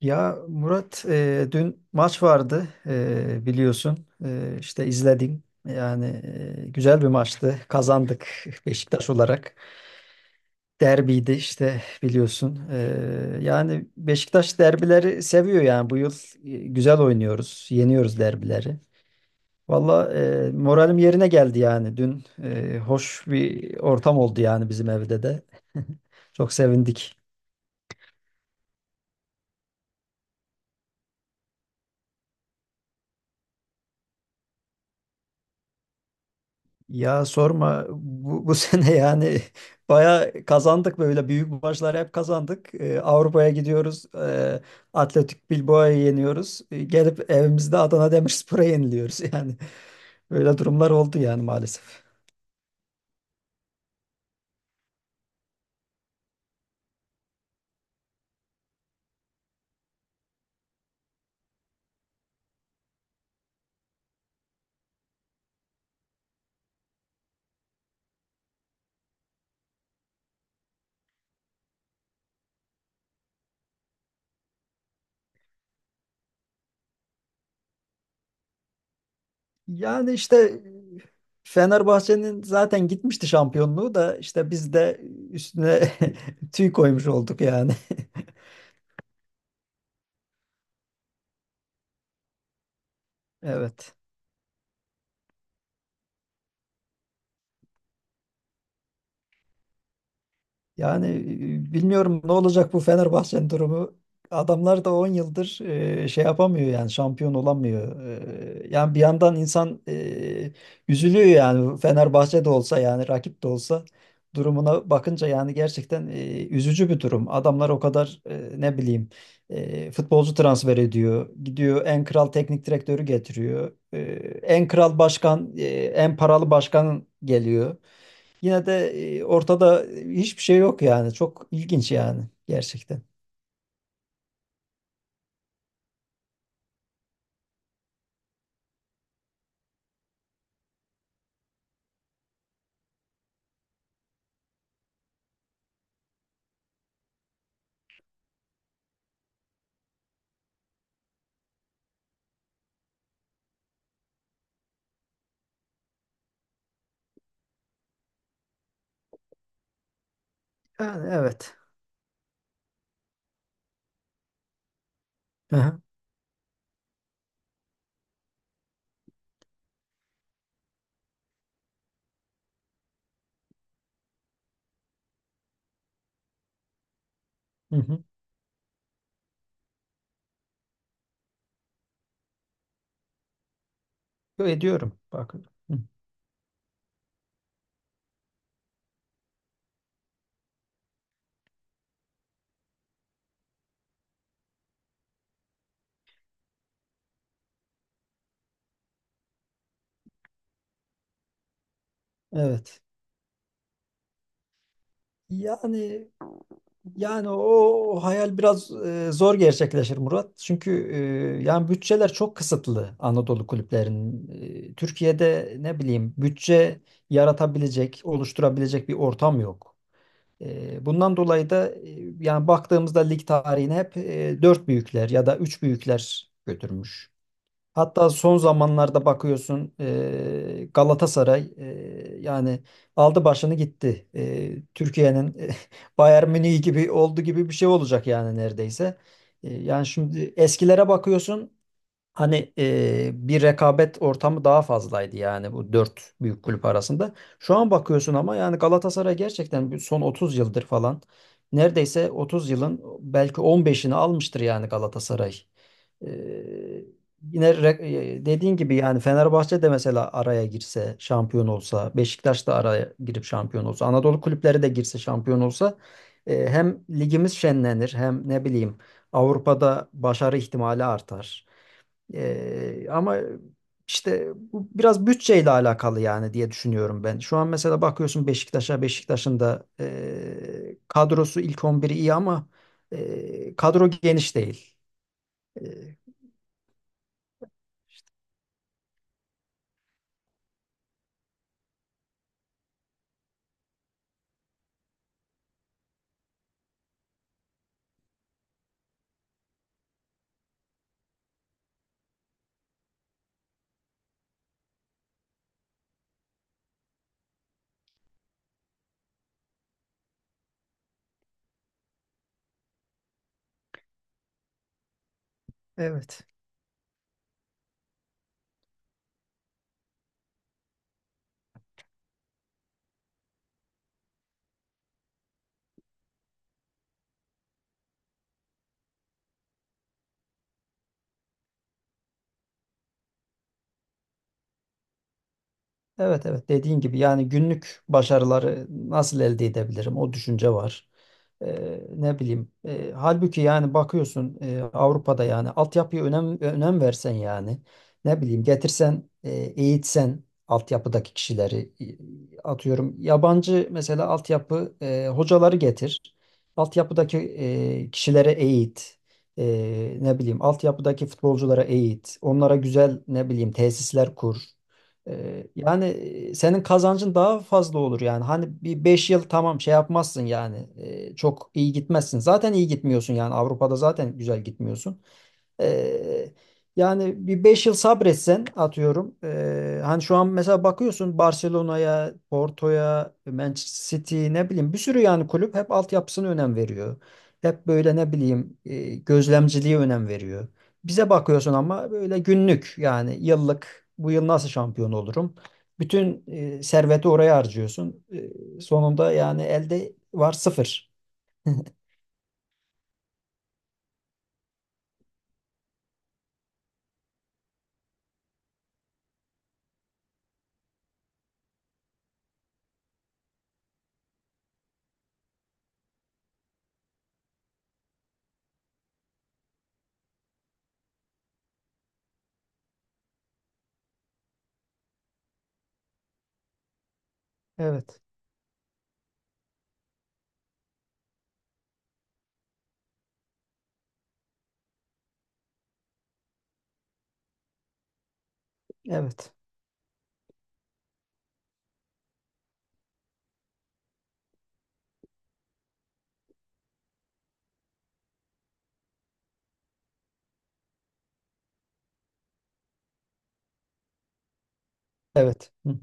Ya Murat, dün maç vardı, biliyorsun. İşte izledim yani. Güzel bir maçtı, kazandık Beşiktaş olarak. Derbiydi işte, biliyorsun. Yani Beşiktaş derbileri seviyor yani bu yıl. Güzel oynuyoruz, yeniyoruz derbileri. Valla, moralim yerine geldi yani dün. Hoş bir ortam oldu yani bizim evde de. Çok sevindik. Ya sorma, bu sene yani baya kazandık, böyle büyük maçlar hep kazandık. Avrupa'ya gidiyoruz. Atletik Bilbao'yu yeniyoruz. Gelip evimizde Adana Demirspor'a yeniliyoruz yani. Böyle durumlar oldu yani, maalesef. Yani işte e, Fenerbahçe'nin zaten gitmişti şampiyonluğu da, işte biz de üstüne tüy koymuş olduk yani. Evet. Yani bilmiyorum ne olacak bu Fenerbahçe'nin durumu. Adamlar da 10 yıldır şey yapamıyor yani, şampiyon olamıyor. Yani bir yandan insan üzülüyor yani, Fenerbahçe de olsa yani, rakip de olsa, durumuna bakınca yani gerçekten üzücü bir durum. Adamlar o kadar ne bileyim futbolcu transfer ediyor. Gidiyor en kral teknik direktörü getiriyor. En kral başkan, en paralı başkan geliyor, yine de ortada hiçbir şey yok yani. Çok ilginç yani, gerçekten. Yani, evet. Hı hı. Hı hı. Yo, ediyorum. Bak. Hı. Evet. Yani yani o hayal biraz zor gerçekleşir, Murat. Çünkü yani bütçeler çok kısıtlı Anadolu kulüplerinin. Türkiye'de ne bileyim bütçe yaratabilecek, oluşturabilecek bir ortam yok. Bundan dolayı da yani baktığımızda lig tarihine hep dört büyükler ya da üç büyükler götürmüş. Hatta son zamanlarda bakıyorsun, Galatasaray yani aldı başını gitti. Türkiye'nin Bayern Münih gibi oldu, gibi bir şey olacak yani neredeyse. Yani şimdi eskilere bakıyorsun. Hani bir rekabet ortamı daha fazlaydı yani bu dört büyük kulüp arasında. Şu an bakıyorsun ama, yani Galatasaray gerçekten bir son 30 yıldır falan, neredeyse 30 yılın belki 15'ini almıştır yani Galatasaray. Eee, Yine dediğin gibi yani Fenerbahçe de mesela araya girse şampiyon olsa, Beşiktaş da araya girip şampiyon olsa, Anadolu kulüpleri de girse şampiyon olsa, hem ligimiz şenlenir hem ne bileyim Avrupa'da başarı ihtimali artar. Ama işte bu biraz bütçeyle alakalı yani diye düşünüyorum ben. Şu an mesela bakıyorsun Beşiktaş'a, Beşiktaş'ın da kadrosu ilk 11'i iyi ama kadro geniş değil. E, evet. Evet, evet, dediğin gibi yani günlük başarıları nasıl elde edebilirim, o düşünce var. Ne bileyim halbuki yani bakıyorsun, Avrupa'da yani altyapıya önem versen yani, ne bileyim getirsen, eğitsen altyapıdaki kişileri, atıyorum yabancı mesela altyapı hocaları getir, altyapıdaki kişilere eğit, ne bileyim altyapıdaki futbolculara eğit, onlara güzel ne bileyim tesisler kur. Yani senin kazancın daha fazla olur yani. Hani bir 5 yıl tamam şey yapmazsın yani. Çok iyi gitmezsin. Zaten iyi gitmiyorsun yani. Avrupa'da zaten güzel gitmiyorsun. Ee, Yani bir 5 yıl sabretsen, atıyorum. Hani şu an mesela bakıyorsun Barcelona'ya, Porto'ya, Manchester City, ne bileyim bir sürü yani kulüp hep altyapısına önem veriyor. Hep böyle ne bileyim gözlemciliğe önem veriyor. Bize bakıyorsun ama böyle günlük yani, yıllık bu yıl nasıl şampiyon olurum? Bütün serveti oraya harcıyorsun. Sonunda yani elde var sıfır. Evet, evet, evet. Hı hı.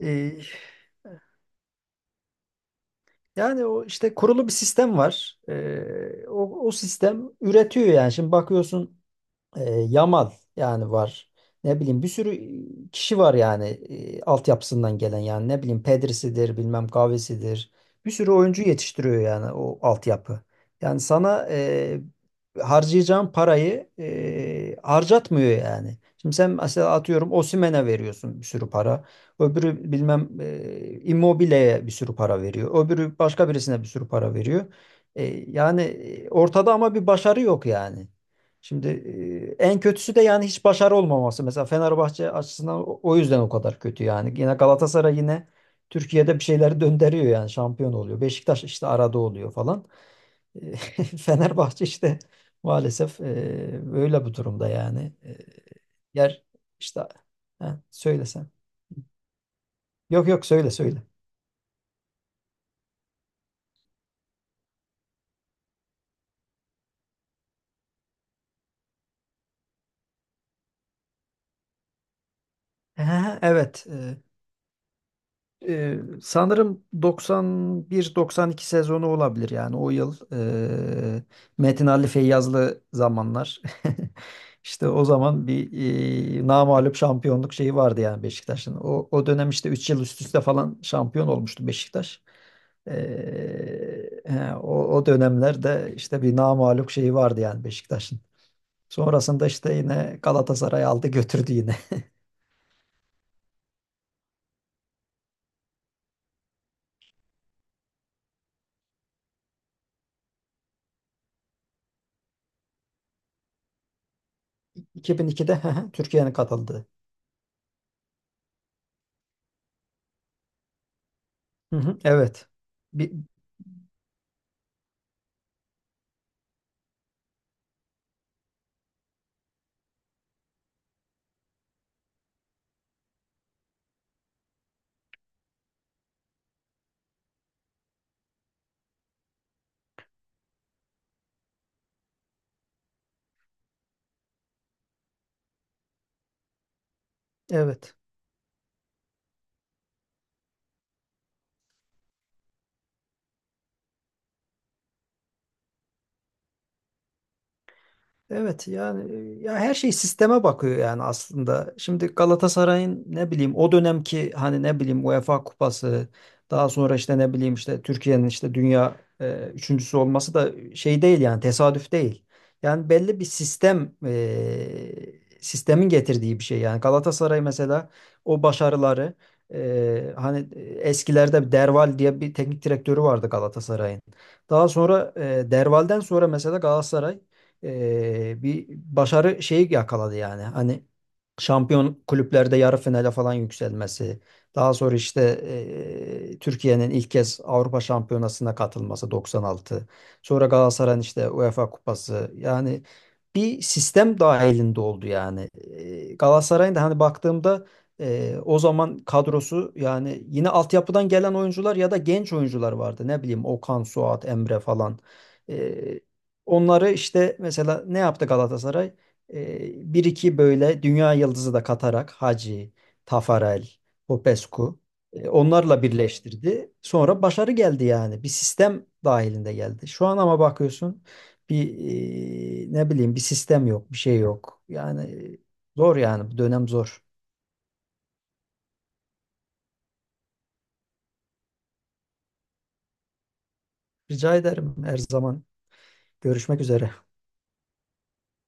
E, Yani o işte kurulu bir sistem var. O sistem üretiyor yani. Şimdi bakıyorsun. E, Yamal yani var. Ne bileyim bir sürü kişi var yani, altyapısından gelen yani, ne bileyim Pedri'sidir, bilmem kahvesidir. Bir sürü oyuncu yetiştiriyor yani o altyapı. Yani sana harcayacağın parayı harcatmıyor yani. Şimdi sen mesela atıyorum Osimhen'e veriyorsun bir sürü para. Öbürü bilmem Immobile'ye bir sürü para veriyor. Öbürü başka birisine bir sürü para veriyor. E, Yani ortada ama bir başarı yok yani. Şimdi en kötüsü de yani hiç başarı olmaması. Mesela Fenerbahçe açısından o yüzden o kadar kötü yani. Yine Galatasaray yine Türkiye'de bir şeyleri döndürüyor yani, şampiyon oluyor. Beşiktaş işte arada oluyor falan. E, Fenerbahçe işte maalesef böyle bu durumda yani. Yer işte, ha, söylesen. Yok, yok, söyle söyle. Ha, evet. Sanırım 91-92 sezonu olabilir yani, o yıl, ee, Metin Ali Feyyazlı zamanlar. İşte o zaman bir namağlup şampiyonluk şeyi vardı yani Beşiktaş'ın. O dönem işte 3 yıl üst üste falan şampiyon olmuştu Beşiktaş. He, o dönemlerde işte bir namağlup şeyi vardı yani Beşiktaş'ın. Sonrasında işte yine Galatasaray aldı götürdü yine. 2002'de Türkiye'nin katıldığı. Hı hı, evet. Bir, evet. Evet yani ya her şey sisteme bakıyor yani aslında. Şimdi Galatasaray'ın ne bileyim o dönemki hani ne bileyim UEFA Kupası, daha sonra işte ne bileyim işte Türkiye'nin işte dünya üçüncüsü olması da şey değil yani, tesadüf değil. Yani belli bir sistem, sistemin getirdiği bir şey yani. Galatasaray mesela o başarıları, hani eskilerde bir Derval diye bir teknik direktörü vardı Galatasaray'ın. Daha sonra Derval'den sonra mesela Galatasaray bir başarı şeyi yakaladı yani. Hani şampiyon kulüplerde yarı finale falan yükselmesi. Daha sonra işte Türkiye'nin ilk kez Avrupa Şampiyonası'na katılması, 96. Sonra Galatasaray'ın işte UEFA Kupası. Yani bir sistem dahilinde oldu yani. Galatasaray'ın da hani baktığımda o zaman kadrosu yani yine altyapıdan gelen oyuncular ya da genç oyuncular vardı. Ne bileyim Okan, Suat, Emre falan. E, Onları işte mesela ne yaptı Galatasaray? Bir iki böyle dünya yıldızı da katarak Hacı, Tafarel, Popescu, onlarla birleştirdi. Sonra başarı geldi yani. Bir sistem dahilinde geldi. Şu an ama bakıyorsun bir ne bileyim, bir sistem yok, bir şey yok. Yani zor yani bu dönem zor. Rica ederim, her zaman. Görüşmek üzere.